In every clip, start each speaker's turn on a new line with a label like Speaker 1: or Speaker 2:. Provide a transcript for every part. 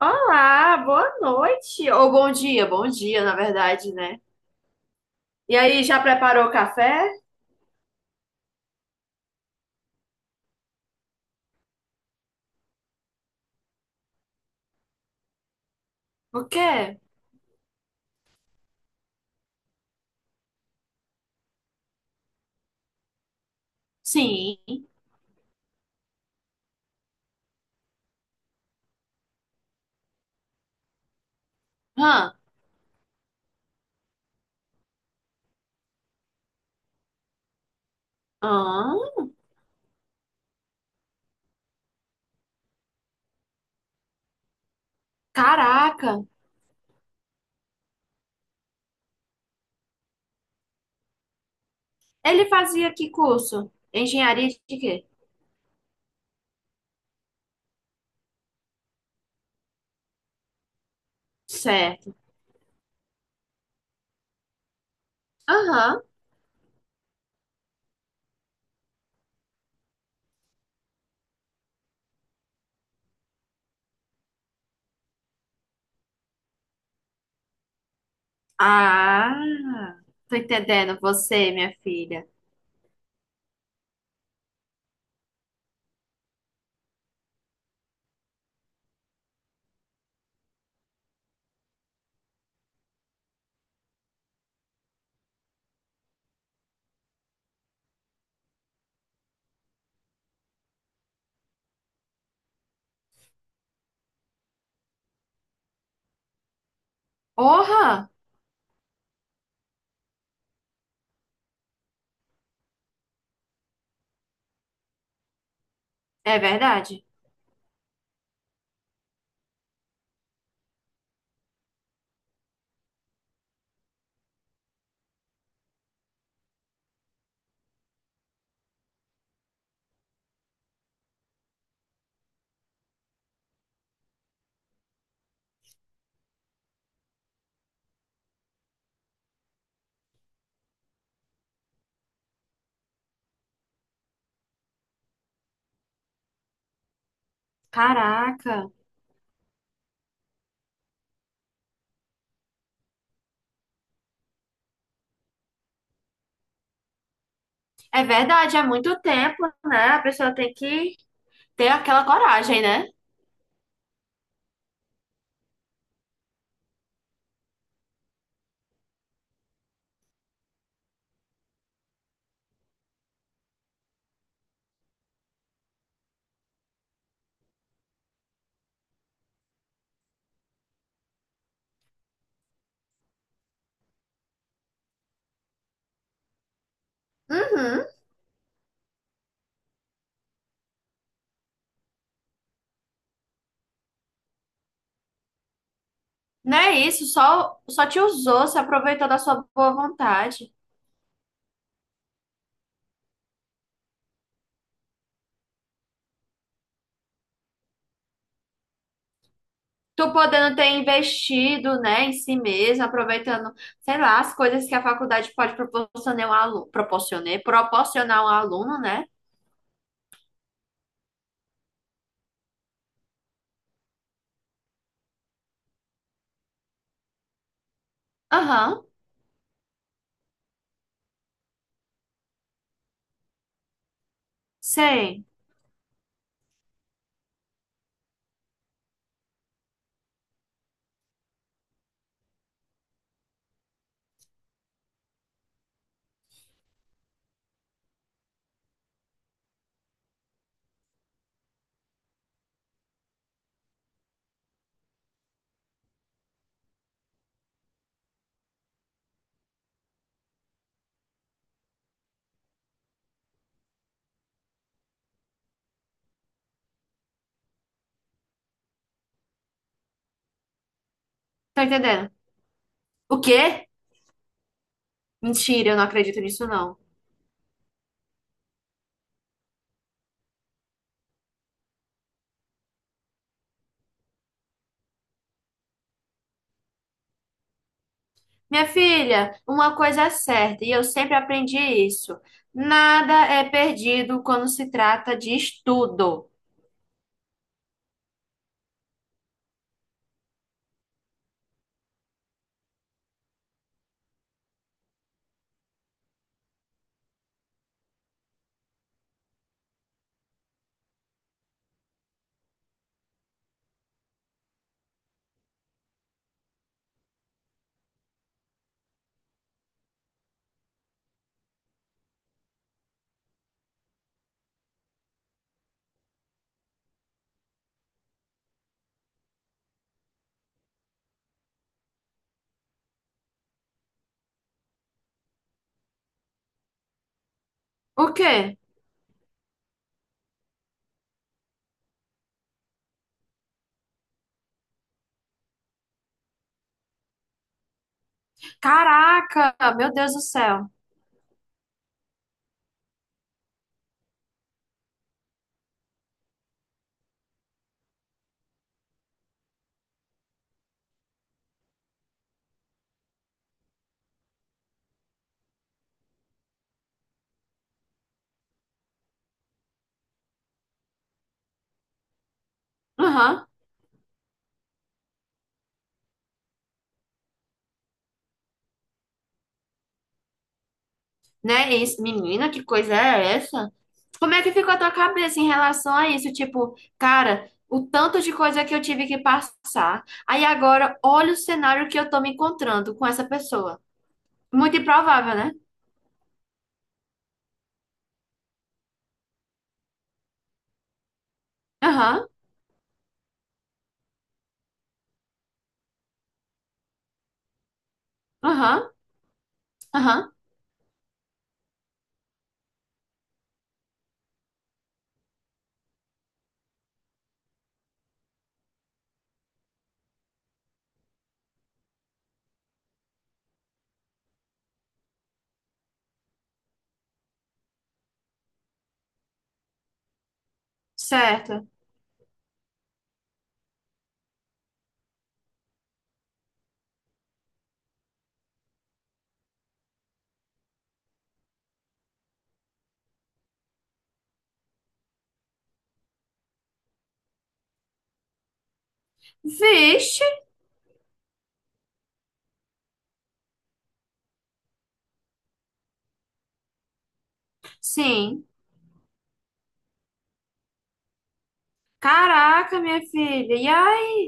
Speaker 1: Olá, boa noite. Ou bom dia, na verdade, né? E aí, já preparou o café? O quê? Sim. Hã? Hã? Caraca. Ele fazia que curso? Engenharia de quê? Certo. Aham. Ah, tô entendendo você, minha filha. Porra! É verdade? Caraca. É verdade, há muito tempo, né? A pessoa tem que ter aquela coragem, né? Uhum. Não é isso, só, só te usou, se aproveitou da sua boa vontade. Tu podendo ter investido, né, em si mesmo, aproveitando, sei lá, as coisas que a faculdade pode proporcionar um aluno, proporcionar um aluno, né? Aham, sei. Tô entendendo. O quê? Mentira, eu não acredito nisso, não. Minha filha, uma coisa é certa, e eu sempre aprendi isso. Nada é perdido quando se trata de estudo. O quê? Caraca, meu Deus do céu. Aham, né? Isso, menina, que coisa é essa? Como é que ficou a tua cabeça em relação a isso? Tipo, cara, o tanto de coisa que eu tive que passar. Aí agora, olha o cenário que eu tô me encontrando com essa pessoa. Muito improvável, né? Aham, aham, aham, certo. Vixe, sim. Caraca, minha filha. E aí?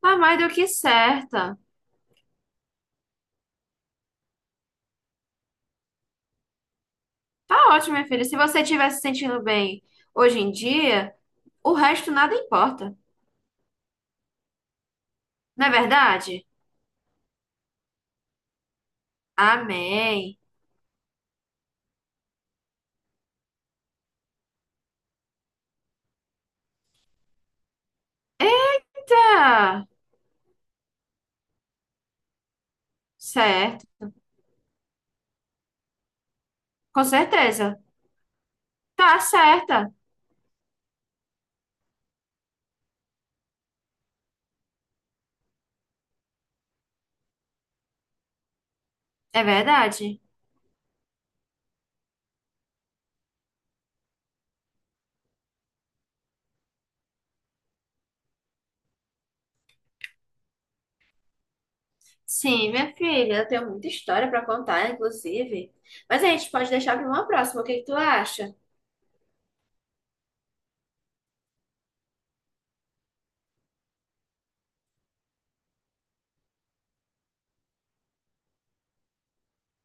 Speaker 1: Tá mais do que certa. Tá ótimo, minha filha. Se você estiver se sentindo bem hoje em dia, o resto nada importa. Não é verdade? Amém. Tá certo. Com certeza. Tá certa. É verdade. Sim, minha filha, eu tenho muita história para contar, inclusive. Mas a gente pode deixar para uma próxima. O que que tu acha?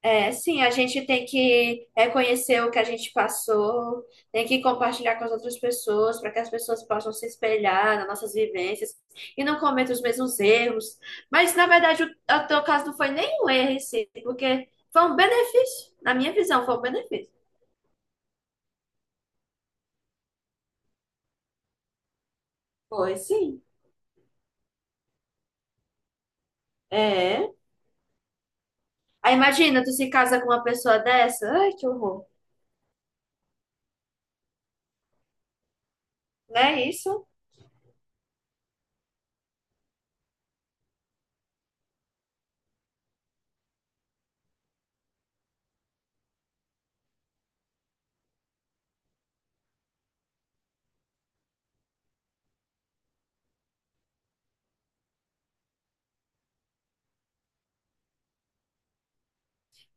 Speaker 1: É, sim, a gente tem que reconhecer o que a gente passou, tem que compartilhar com as outras pessoas para que as pessoas possam se espelhar nas nossas vivências e não cometam os mesmos erros. Mas, na verdade, o teu caso não foi nem um erro em si, porque foi um benefício. Na minha visão, foi um benefício. Foi, sim. É. Aí imagina, tu se casa com uma pessoa dessa. Ai, que horror. Não é isso?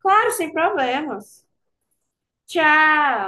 Speaker 1: Claro, sem problemas. Tchau.